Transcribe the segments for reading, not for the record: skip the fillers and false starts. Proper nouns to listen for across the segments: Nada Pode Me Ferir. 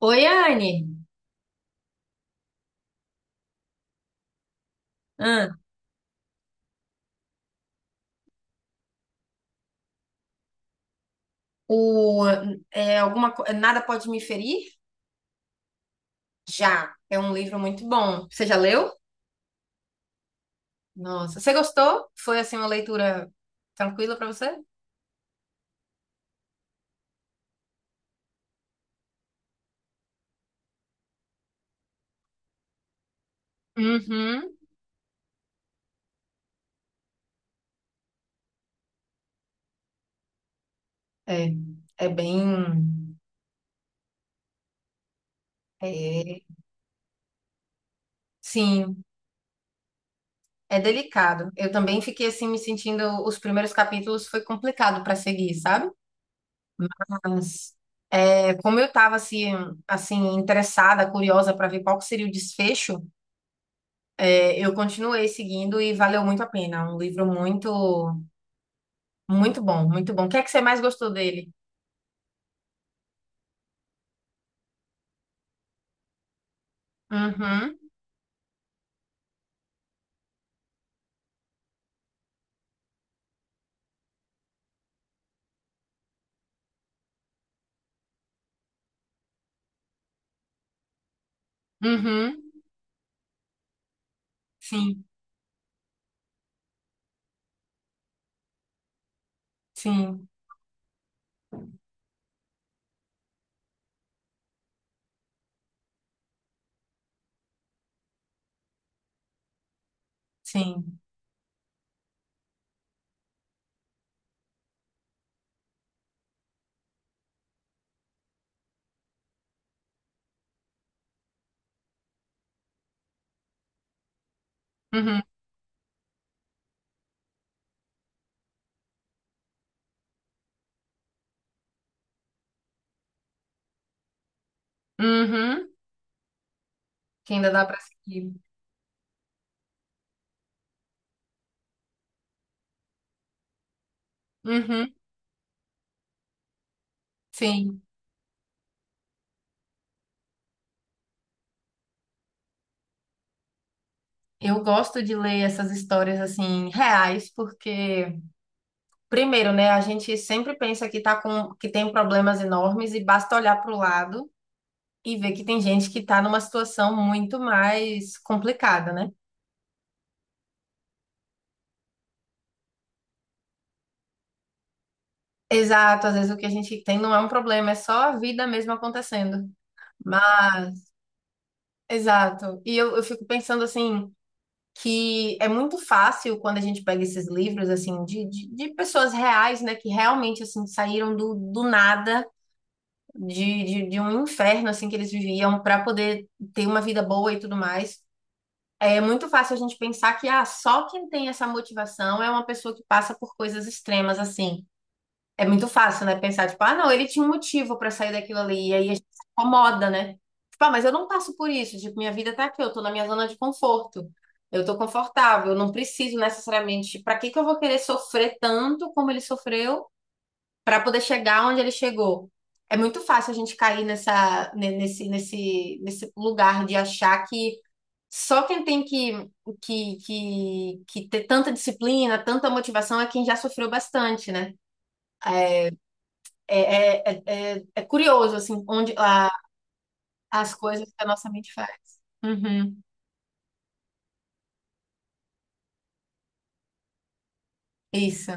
Oi, Anne. Hã? O, é, alguma, co- Nada Pode Me Ferir? Já. É um livro muito bom. Você já leu? Nossa. Você gostou? Foi assim uma leitura tranquila para você? Uhum. É, é bem. é, sim, é delicado. Eu também fiquei assim me sentindo. Os primeiros capítulos foi complicado para seguir, sabe? Mas é, como eu estava assim, assim interessada, curiosa para ver qual que seria o desfecho. É, eu continuei seguindo e valeu muito a pena. Um livro muito, muito bom, muito bom. O que é que você mais gostou dele? Uhum, uhum, sim, sim, sim. Uhum, uhum, que ainda dá para seguir. Uhum, sim. Eu gosto de ler essas histórias assim reais, porque primeiro, né, a gente sempre pensa que tá com que tem problemas enormes e basta olhar para o lado e ver que tem gente que tá numa situação muito mais complicada, né? Exato, às vezes o que a gente tem não é um problema, é só a vida mesmo acontecendo. Mas, exato. E eu fico pensando assim, que é muito fácil quando a gente pega esses livros assim de pessoas reais, né, que realmente assim saíram do nada, de um inferno assim que eles viviam para poder ter uma vida boa e tudo mais. É muito fácil a gente pensar que ah, só quem tem essa motivação é uma pessoa que passa por coisas extremas assim. É muito fácil, né? Pensar, tipo, ah, não, ele tinha um motivo pra sair daquilo ali. E aí a gente se incomoda, né? Tipo, ah, mas eu não passo por isso. Tipo, minha vida tá aqui, eu tô na minha zona de conforto. Eu tô confortável, eu não preciso necessariamente. Tipo, pra que que eu vou querer sofrer tanto como ele sofreu pra poder chegar onde ele chegou? É muito fácil a gente cair nessa, nesse lugar de achar que só quem tem que, que ter tanta disciplina, tanta motivação é quem já sofreu bastante, né? É, é, é curioso, assim, as coisas que a nossa mente faz. Uhum, isso.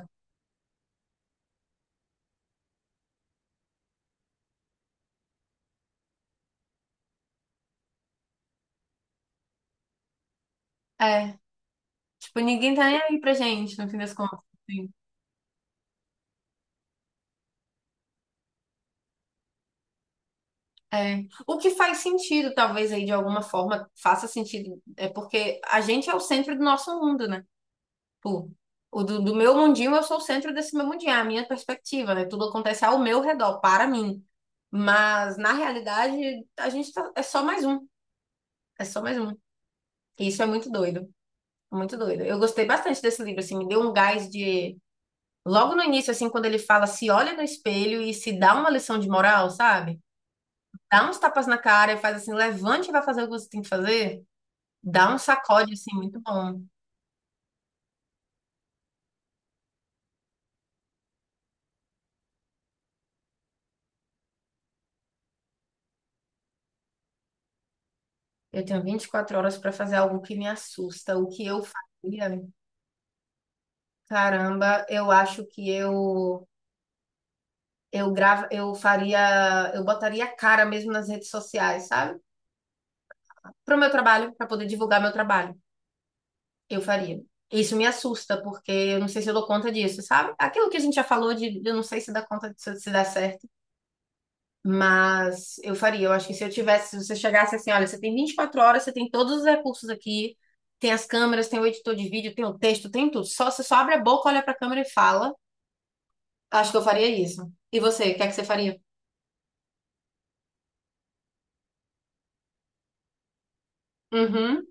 É. Tipo, ninguém tá nem aí pra gente, no fim das contas. Assim. É. O que faz sentido, talvez, aí, de alguma forma, faça sentido. É porque a gente é o centro do nosso mundo, né? Tipo, o do meu mundinho, eu sou o centro desse meu mundinho, é a minha perspectiva, né? Tudo acontece ao meu redor, para mim. Mas, na realidade, é só mais um. É só mais um. E isso é muito doido. Muito doido. Eu gostei bastante desse livro, assim, me deu um gás de. Logo no início, assim, quando ele fala, se olha no espelho e se dá uma lição de moral, sabe? Dá uns tapas na cara e faz assim, levante e vai fazer o que você tem que fazer. Dá um sacode, assim, muito bom. Eu tenho 24 horas para fazer algo que me assusta. O que eu faria? Caramba, eu acho que eu grava, eu faria, eu botaria a cara mesmo nas redes sociais, sabe? Para o meu trabalho, para poder divulgar meu trabalho. Eu faria. Isso me assusta, porque eu não sei se eu dou conta disso, sabe? Aquilo que a gente já falou de eu não sei se dá conta, se dá certo, mas eu faria. Eu acho que se eu tivesse, se você chegasse assim, olha, você tem 24 horas, você tem todos os recursos aqui, tem as câmeras, tem o editor de vídeo, tem o texto, tem tudo. Só você só abre a boca, olha pra câmera e fala. Acho que eu faria isso. E você, o que é que você faria? Uhum.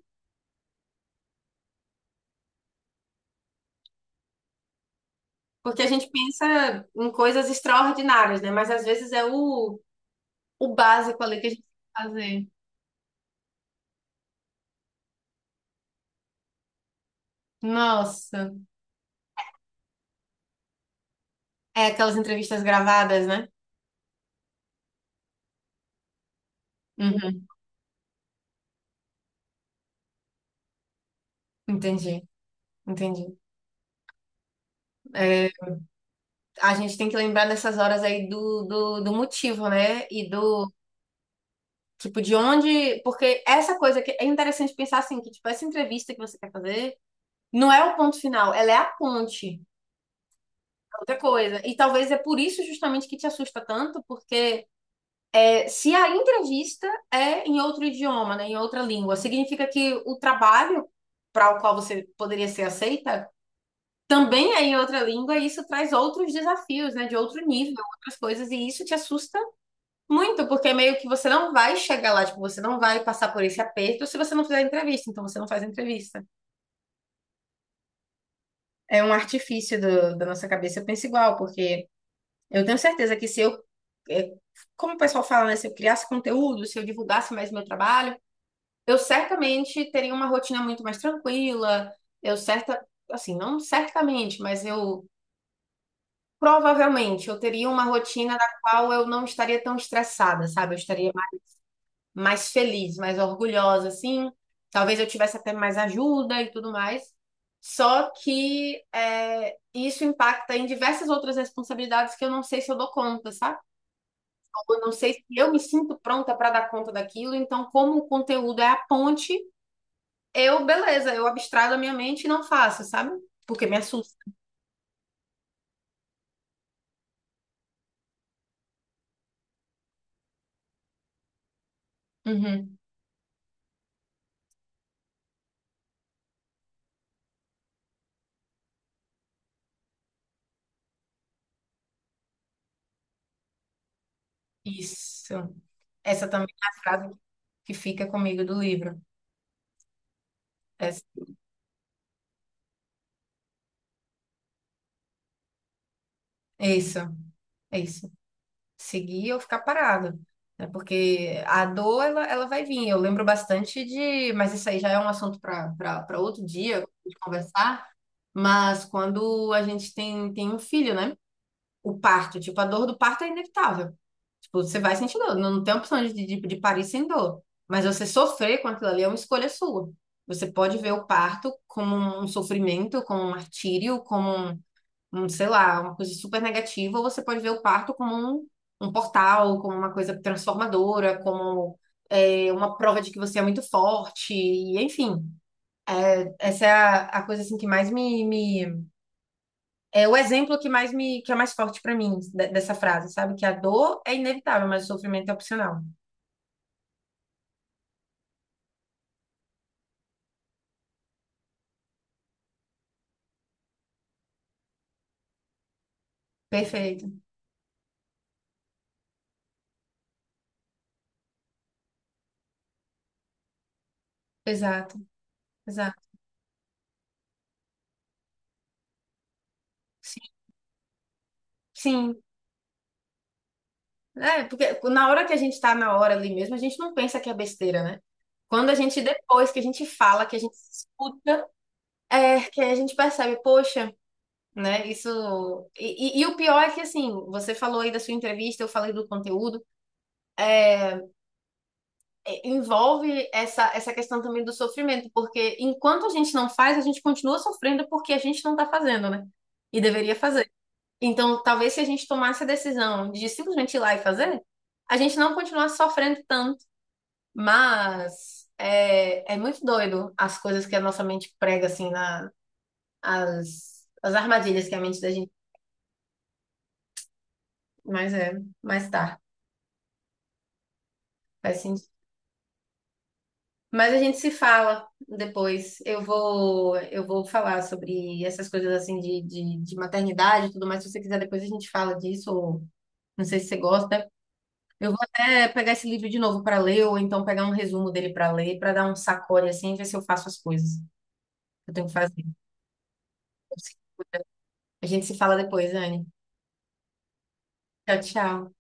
Porque a gente pensa em coisas extraordinárias, né? Mas às vezes é o básico ali que a gente tem que fazer. Nossa. É, aquelas entrevistas gravadas, né? Uhum, entendi, entendi. É, a gente tem que lembrar nessas horas aí do motivo, né? E do, tipo, de onde... Porque essa coisa que é interessante pensar assim, que, tipo, essa entrevista que você quer fazer não é o ponto final, ela é a ponte, é outra coisa. E talvez é por isso justamente que te assusta tanto, porque é, se a entrevista é em outro idioma, né? Em outra língua, significa que o trabalho para o qual você poderia ser aceita também é em outra língua e isso traz outros desafios, né, de outro nível, outras coisas, e isso te assusta muito, porque meio que você não vai chegar lá, tipo, você não vai passar por esse aperto se você não fizer entrevista, então você não faz entrevista. É um artifício da nossa cabeça, eu penso igual, porque eu tenho certeza que se eu, é, como o pessoal fala, né, se eu criasse conteúdo, se eu divulgasse mais meu trabalho, eu certamente teria uma rotina muito mais tranquila, eu certa, não certamente, mas eu provavelmente eu teria uma rotina na qual eu não estaria tão estressada, sabe? Eu estaria mais, mais feliz, mais orgulhosa, assim. Talvez eu tivesse até mais ajuda e tudo mais. Só que é, isso impacta em diversas outras responsabilidades que eu não sei se eu dou conta, sabe? Ou eu não sei se eu me sinto pronta para dar conta daquilo. Então, como o conteúdo é a ponte, eu, beleza, eu abstraio da minha mente e não faço, sabe? Porque me assusta. Uhum. Isso. Essa também é a frase que fica comigo do livro. É isso, é isso. Seguir ou ficar parado. Né? Porque a dor, ela vai vir. Eu lembro bastante de. Mas isso aí já é um assunto para outro dia, de conversar. Mas quando a gente tem, tem um filho, né? O parto, tipo, a dor do parto é inevitável. Tipo, você vai sentir dor. Não tem opção de parir sem dor. Mas você sofrer com aquilo ali é uma escolha sua. Você pode ver o parto como um sofrimento, como um martírio, como um, sei lá, uma coisa super negativa, ou você pode ver o parto como um, um portal, como uma coisa transformadora, como é, uma prova de que você é muito forte, e enfim. Essa é a coisa assim que mais me É o exemplo que mais me, que é mais forte pra mim dessa frase, sabe? Que a dor é inevitável, mas o sofrimento é opcional. Perfeito. Exato, exato. Sim, sim. É, porque na hora que a gente tá na hora ali mesmo, a gente não pensa que é besteira, né? Quando a gente, depois que a gente fala, que a gente escuta É, que aí a gente percebe, poxa, né? Isso. E o pior é que, assim, você falou aí da sua entrevista, eu falei do conteúdo, é, envolve essa questão também do sofrimento, porque enquanto a gente não faz, a gente continua sofrendo porque a gente não tá fazendo, né? E deveria fazer. Então, talvez se a gente tomasse a decisão de simplesmente ir lá e fazer, a gente não continuasse sofrendo tanto. Mas é, é muito doido as coisas que a nossa mente prega, assim, na, as armadilhas que a mente da gente Mas é, mas tá, faz sentido. Mas a gente se fala depois. Eu vou falar sobre essas coisas assim de maternidade e tudo mais. Se você quiser, depois a gente fala disso, ou não sei se você gosta. Eu vou até pegar esse livro de novo para ler, ou então pegar um resumo dele para ler, para dar um sacode assim e ver se eu faço as coisas que eu tenho que fazer. A gente se fala depois, Anne. Tchau, tchau.